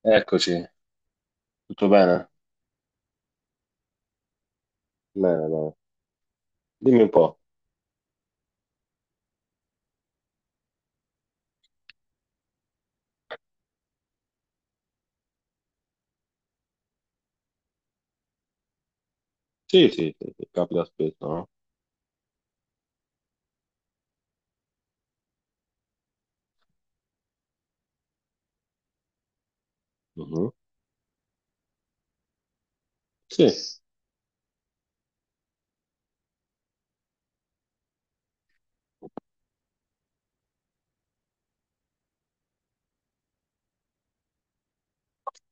Eccoci, tutto bene? Bene, bene. Dimmi un po'. Sì, sì, sì, sì, capita spesso, no? Mhm. Sì.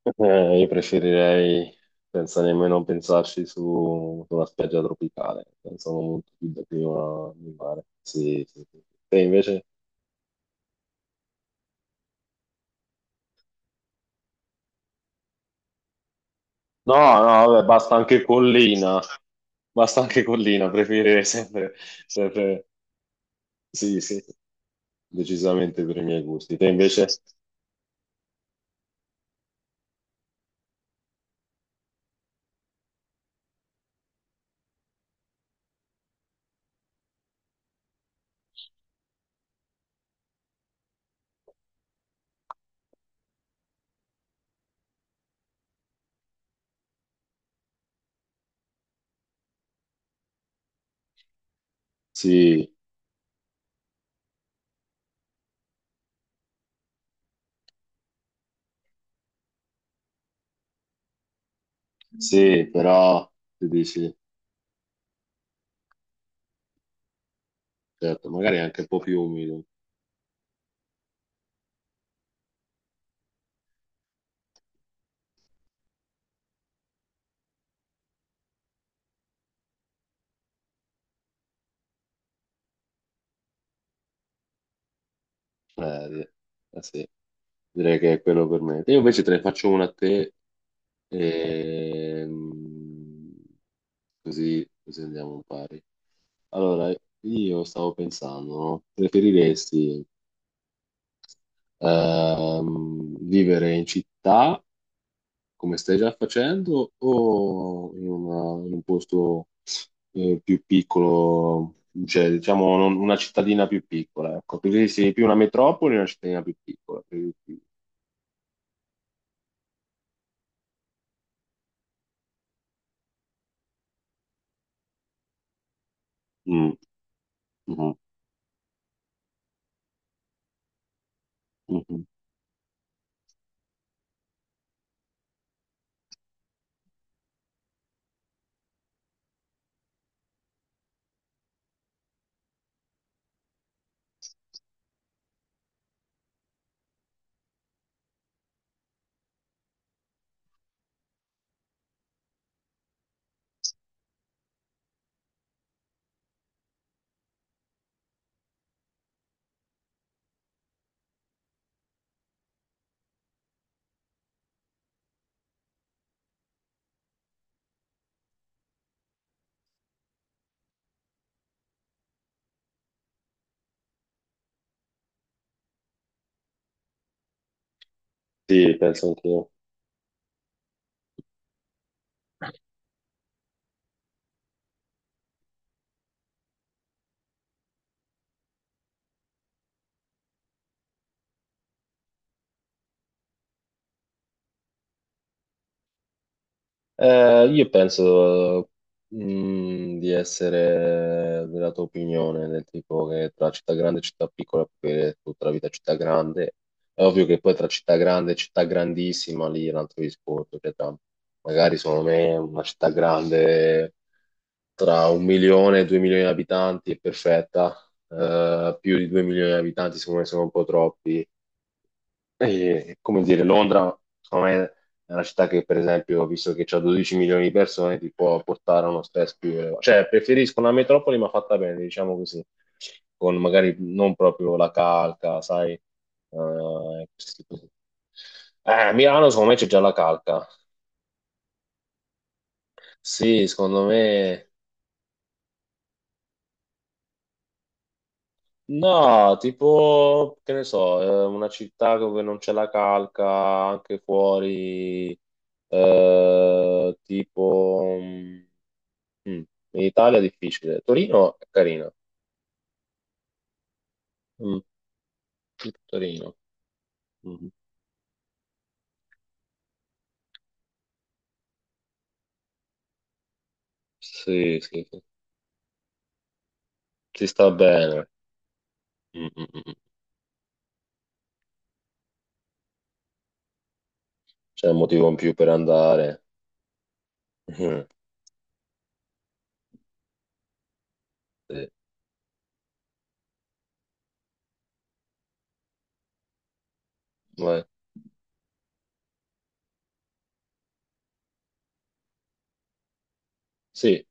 Io preferirei senza nemmeno pensarci su, su una spiaggia tropicale, pensavo molto più da prima di mare. Sì, sì, sì. Te invece? No, no, vabbè, basta anche collina, preferirei sempre, sempre, sì, sì, sì, decisamente per i miei gusti. Te invece? Sì, sì, però, tu dici... certo, magari anche un po' più umido. Eh, di- eh sì, direi che è quello per me. Io invece te ne faccio una a te, ehm, così andiamo un pari. Allora, io stavo pensando, no? Preferiresti vivere in città come stai già facendo o in un posto più piccolo, cioè diciamo una cittadina più piccola, ecco, così sì, più una metropoli, una cittadina più piccola. Sì. Mm, mhm, mhm. Sì, penso anch'io. Io penso, di essere della tua opinione, del tipo che tra città grande e città piccola puoi vivere tutta la vita a città grande. È ovvio che poi tra città grande e città grandissima lì è un altro discorso, cioè magari secondo me una città grande tra 1 milione e 2 milioni di abitanti è perfetta, più di 2 milioni di abitanti secondo me sono un po' troppi. E, come dire, Londra, secondo me, è una città che, per esempio, visto che c'ha 12 milioni di persone, ti può portare uno stress più elevato. Cioè, preferisco una metropoli, ma fatta bene, diciamo così, con magari non proprio la calca, sai, questi tipi. A Milano, secondo me, c'è già la calca. Sì, secondo me... No, tipo, che ne so, una città dove non c'è la calca, anche fuori, tipo. Mm, mm. In Italia è difficile. Torino è carina. Mm. Torino. Mm. Sì, sì, sì. Si sta bene. Mm, mm, mm. C'è un motivo in più per andare. Mhm. Sì. Vai. Sì.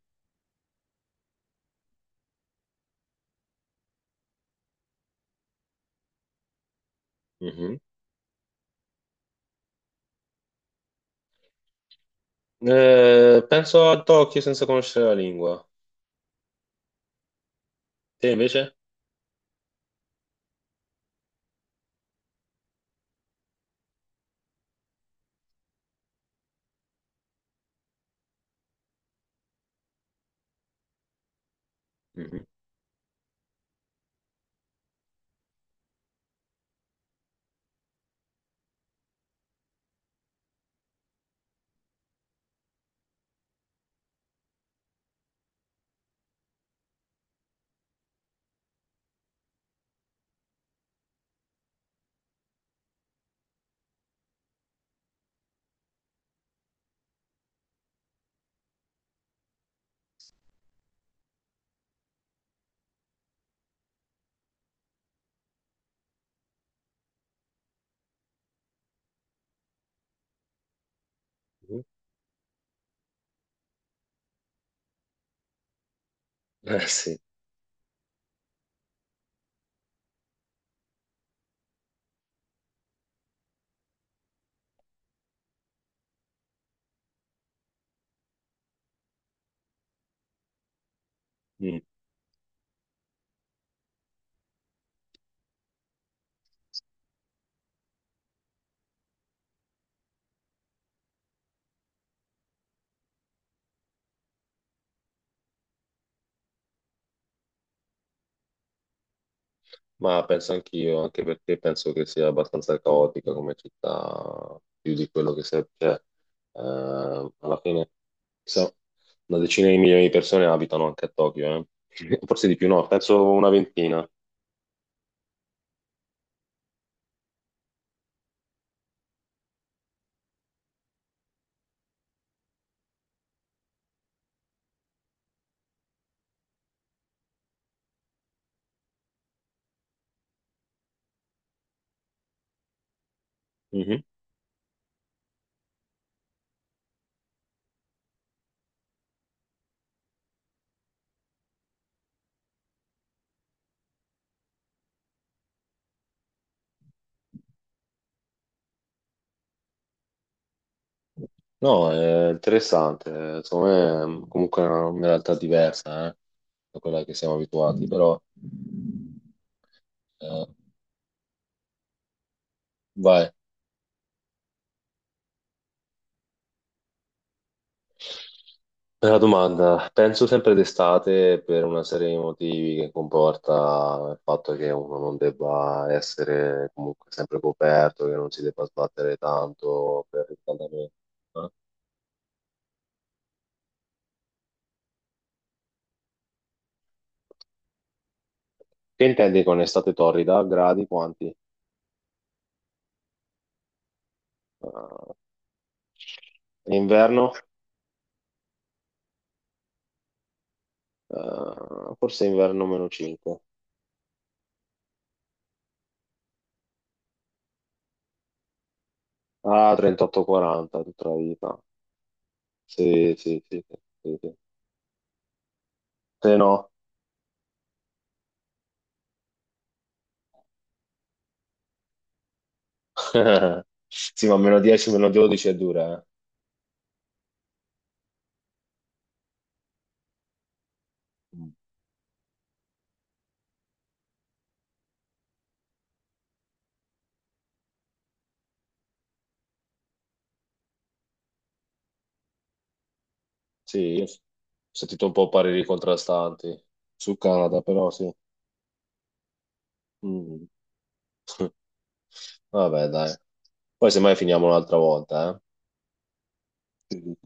Mhm. Penso a Tokyo senza conoscere la lingua. Te invece? Mhm. Mhm. Eh sì. Mm. Ma penso anch'io, anche perché penso che sia abbastanza caotica come città, più di quello che serve. Cioè, alla fine, so- una decina di milioni di persone abitano anche a Tokyo, eh. Forse di più, no, penso una ventina. Mhm. No, è interessante, secondo me è comunque una realtà diversa, da quella che siamo abituati, però eh, vai. Bella domanda. Penso sempre d'estate per una serie di motivi che comporta il fatto che uno non debba essere comunque sempre coperto, che non si debba sbattere tanto per il riscaldamento. Eh. Che intendi con estate torrida? Gradi quanti? Ah, inverno? Ah, forse inverno meno 5. Ah, 38-40 tutta la vita. Sì, sì, sì, sì, sì. Sì. Se no, sì, ma meno 10, meno 12 è dura, eh. Mm. Sì, io ho sentito un po' pareri contrastanti sul Canada, però sì. Mm. Vabbè, dai. Poi semmai finiamo un'altra volta, eh. Sì.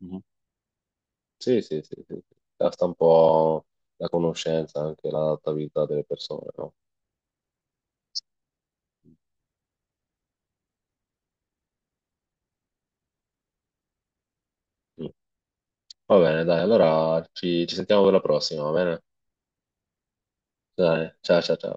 Mhm. Sì, sì, sì, sì. Sì. Basta un po' la conoscenza, anche l'adattabilità delle persone, no? Mm. Va bene, dai, allora ci sentiamo per la prossima, va bene? Dai, ciao, ciao, ciao.